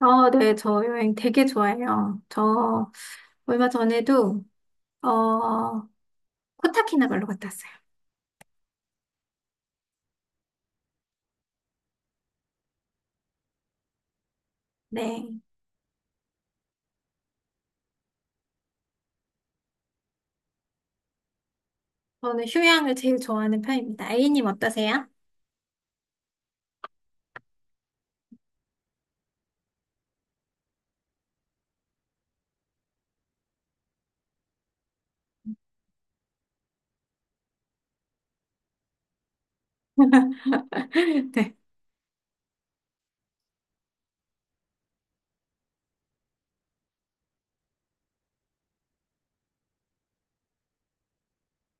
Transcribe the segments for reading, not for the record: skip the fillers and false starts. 어, 네, 저 여행 되게 좋아해요. 저 얼마 전에도, 어, 코타키나발루 갔다 왔어요. 네. 저는 휴양을 제일 좋아하는 편입니다. A님 어떠세요? 네.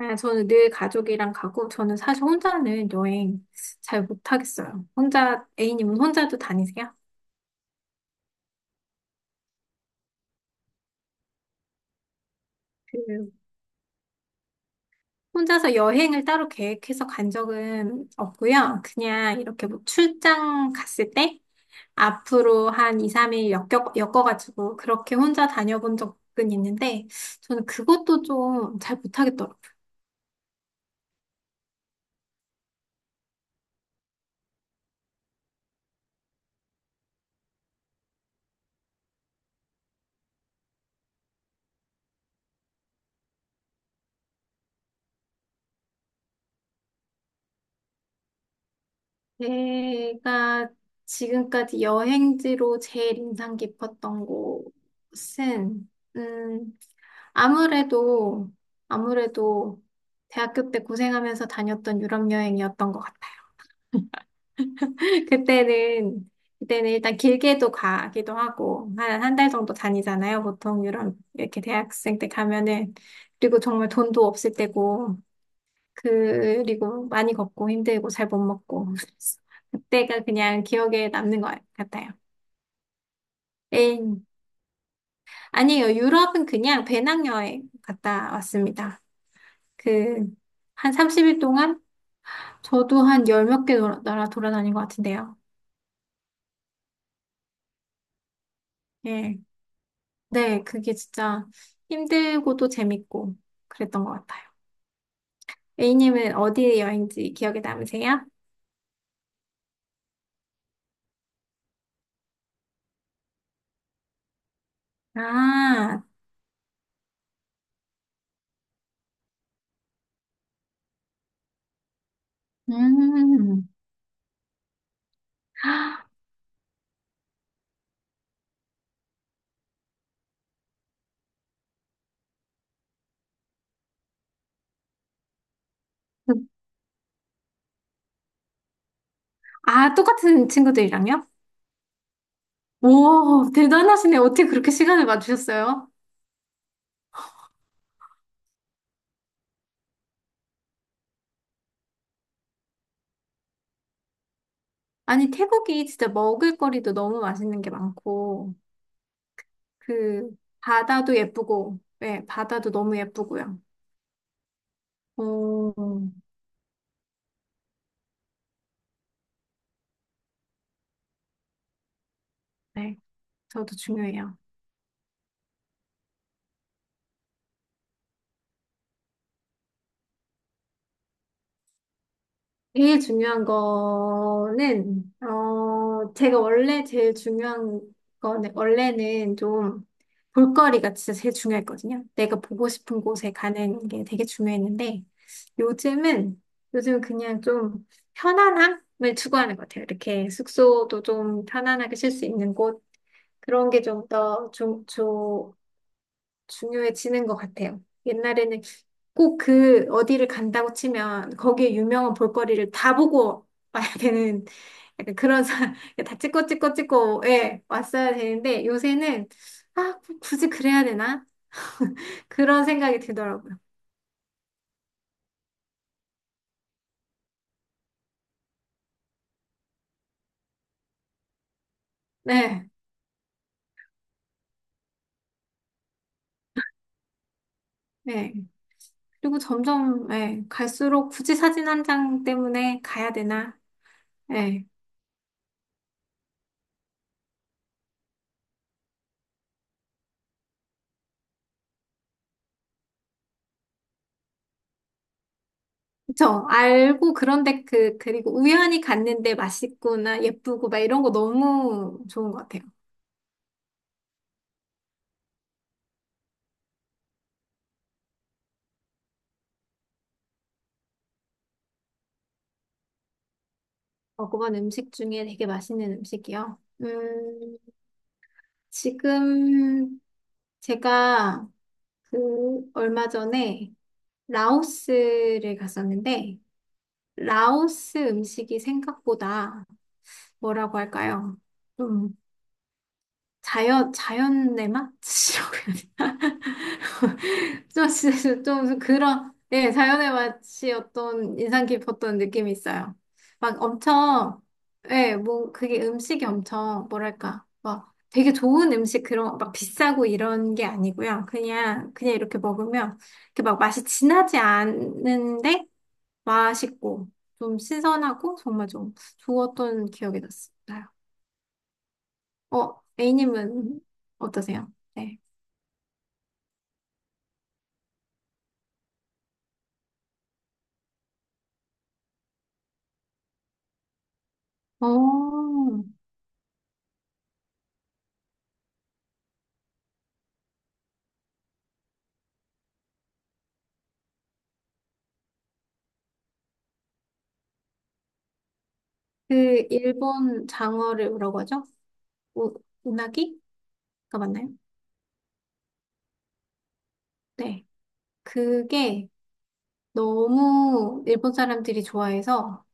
아, 저는 늘 가족이랑 가고, 저는 사실 혼자는 여행 잘 못하겠어요. 혼자, A님은 혼자도 다니세요? 그, 혼자서 여행을 따로 계획해서 간 적은 없고요. 그냥 이렇게 뭐 출장 갔을 때? 앞으로 한 2, 3일 엮어가지고 그렇게 혼자 다녀본 적은 있는데 저는 그것도 좀 잘 못하겠더라고요. 제가 지금까지 여행지로 제일 인상 깊었던 곳은 음, 아무래도 아무래도 대학교 때 고생하면서 다녔던 유럽 여행이었던 것 같아요. 그때는, 그때는 일단 길게도 가기도 하고, 한, 한 달 정도 다니잖아요. 보통 유럽, 이렇게 대학생 때 가면은. 그리고 정말 돈도 없을 때고, 그리고 많이 걷고 힘들고 잘 못 먹고. 그래서 그때가 그냥 기억에 남는 것 같아요. 에 아니에요. 유럽은 그냥 배낭여행 갔다 왔습니다. 그, 한 30일 동안 저도 한 열 몇 개 나라 돌아다닌 것 같은데요. 예. 네, 그게 진짜 힘들고도 재밌고 그랬던 것 같아요. A님은 어디 여행지 기억에 남으세요? 아, 음. 아, 똑같은 친구들이랑요? 오, 대단하시네. 어떻게 그렇게 시간을 맞추셨어요? 아니, 태국이 진짜 먹을거리도 너무 맛있는 게 많고, 그, 바다도 예쁘고, 네, 바다도 너무 예쁘고요. 오, 네, 저도 중요해요. 제일 중요한 거는, 제가 원래 제일 중요한 거는, 원래는 좀 볼거리가 진짜 제일 중요했거든요. 내가 보고 싶은 곳에 가는 게 되게 중요했는데, 요즘은, 요즘 그냥 좀 편안함을 추구하는 것 같아요. 이렇게 숙소도 좀 편안하게 쉴 수 있는 곳, 그런 게 좀 더 중요해지는 것 같아요. 옛날에는 꼭 그 어디를 간다고 치면 거기에 유명한 볼거리를 다 보고 와야 되는 약간 그런 다 찍고 찍고 찍고 예, 왔어야 되는데 요새는 아, 뭐 굳이 그래야 되나? 그런 생각이 들더라고요. 네, 네. 그리고 점점 예, 갈수록 굳이 사진 한 장 때문에 가야 되나? 예. 그쵸. 알고 그런데 그리고 우연히 갔는데 맛있구나, 예쁘고 막 이런 거 너무 좋은 것 같아요. 먹어본 음식 중에 되게 맛있는 음식이요. 음, 지금 제가 얼마 전에 라오스를 갔었는데, 라오스 음식이 생각보다 뭐라고 할까요? 좀 자연의 맛이라고 해야 되나? 좀, 진짜 좀 그런, 예, 자연의 맛이 어떤 인상 깊었던 느낌이 있어요. 막 엄청, 예, 뭐, 그게 음식이 엄청, 뭐랄까, 막 되게 좋은 음식 그런, 막 비싸고 이런 게 아니고요. 그냥 이렇게 먹으면, 이렇게 막 맛이 진하지 않은데, 맛있고, 좀 신선하고, 정말 좀 좋았던 기억이 났어요. A님은 어떠세요? 네. 오, 그 일본 장어를 뭐라고 하죠? 우, 우나기가 맞나요? 네. 그게 너무 일본 사람들이 좋아해서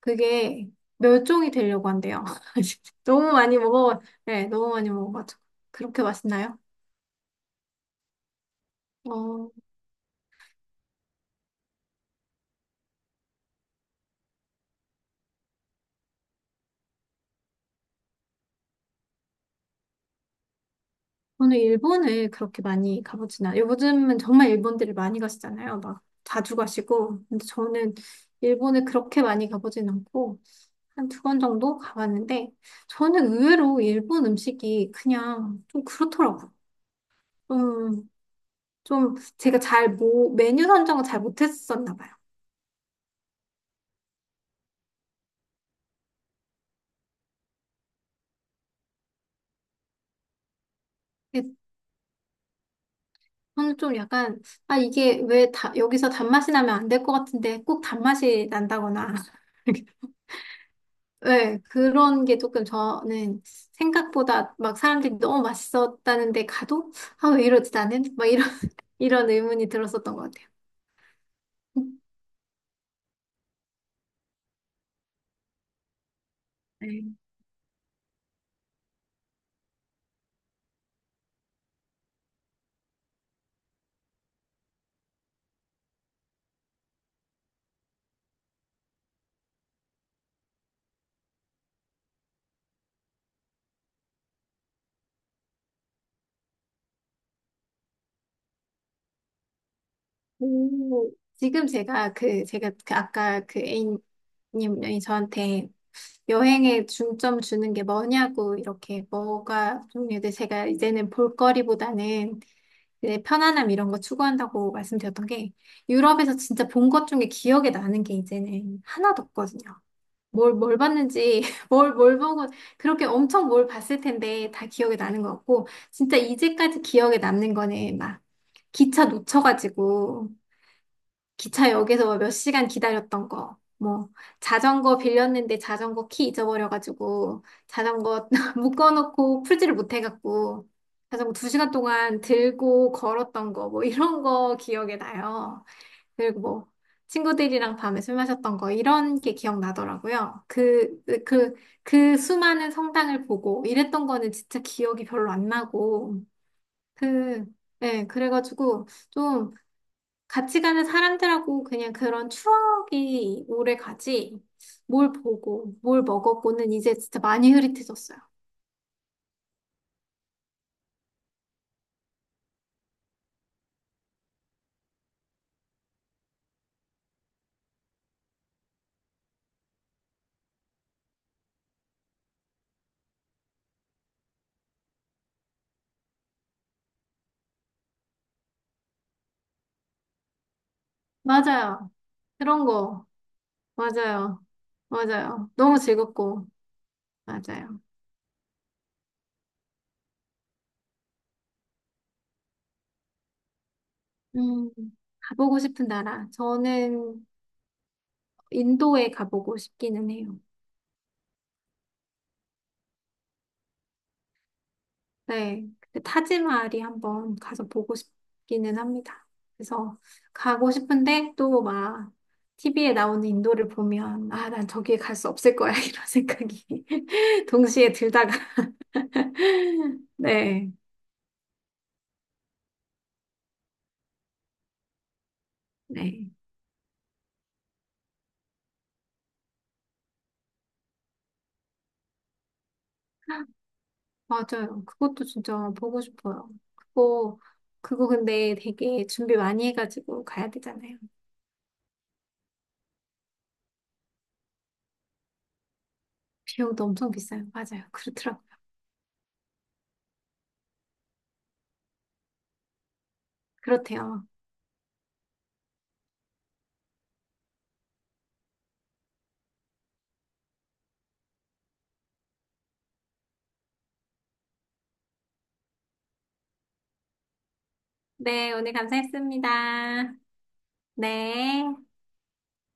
그게 멸종이 되려고 한대요. 너무 많이 먹어, 네, 너무 많이 먹어가지고. 그렇게 맛있나요? 어, 저는 일본을 그렇게 많이 가보진 않아요. 요즘은 정말 일본들이 많이 가시잖아요. 막 자주 가시고. 근데 저는 일본을 그렇게 많이 가보진 않고. 한 두 번 정도 가봤는데, 저는 의외로 일본 음식이 그냥 좀 그렇더라고요. 좀, 좀 제가 잘 뭐, 메뉴 선정을 잘 못했었나 봐요. 예, 저는 좀 약간, 아, 이게 왜 여기서 단맛이 나면 안 될 것 같은데 꼭 단맛이 난다거나. 네, 그런 게 조금 저는 생각보다 막 사람들이 너무 맛있었다는데 가도, 아, 왜 이러지 나는? 막 이런, 이런 의문이 들었었던 것 같아요. 네. 오, 지금 제가 그 아까 그 A님이 저한테 여행에 중점 주는 게 뭐냐고 이렇게 뭐가 종류들 제가 이제는 볼거리보다는 이제 편안함 이런 거 추구한다고 말씀드렸던 게 유럽에서 진짜 본 것 중에 기억에 나는 게 이제는 하나도 없거든요. 뭘 봤는지, 뭘 보고, 그렇게 엄청 뭘 봤을 텐데 다 기억에 나는 것 같고, 진짜 이제까지 기억에 남는 거는 막 기차 놓쳐가지고, 기차역에서 몇 시간 기다렸던 거, 뭐, 자전거 빌렸는데 자전거 키 잊어버려가지고, 자전거 묶어놓고 풀지를 못해갖고, 자전거 두 시간 동안 들고 걸었던 거, 뭐, 이런 거 기억에 나요. 그리고 뭐, 친구들이랑 밤에 술 마셨던 거, 이런 게 기억나더라고요. 그 수많은 성당을 보고, 이랬던 거는 진짜 기억이 별로 안 나고, 그, 예, 그래가지고, 좀, 같이 가는 사람들하고 그냥 그런 추억이 오래 가지. 뭘 보고, 뭘 먹었고는 이제 진짜 많이 흐릿해졌어요. 맞아요. 그런 거. 맞아요. 맞아요. 너무 즐겁고. 맞아요. 음, 가보고 싶은 나라. 저는 인도에 가보고 싶기는 해요. 네, 근데 타지마할이 한번 가서 보고 싶기는 합니다. 그래서 가고 싶은데 또 막 TV에 나오는 인도를 보면 아, 난 저기에 갈 수 없을 거야 이런 생각이 동시에 들다가 네, 네, 맞아요. 그것도 진짜 보고 싶어요. 그거 그거 근데 되게 준비 많이 해가지고 가야 되잖아요. 비용도 엄청 비싸요. 맞아요. 그렇더라고요. 그렇대요. 네, 오늘 감사했습니다. 네.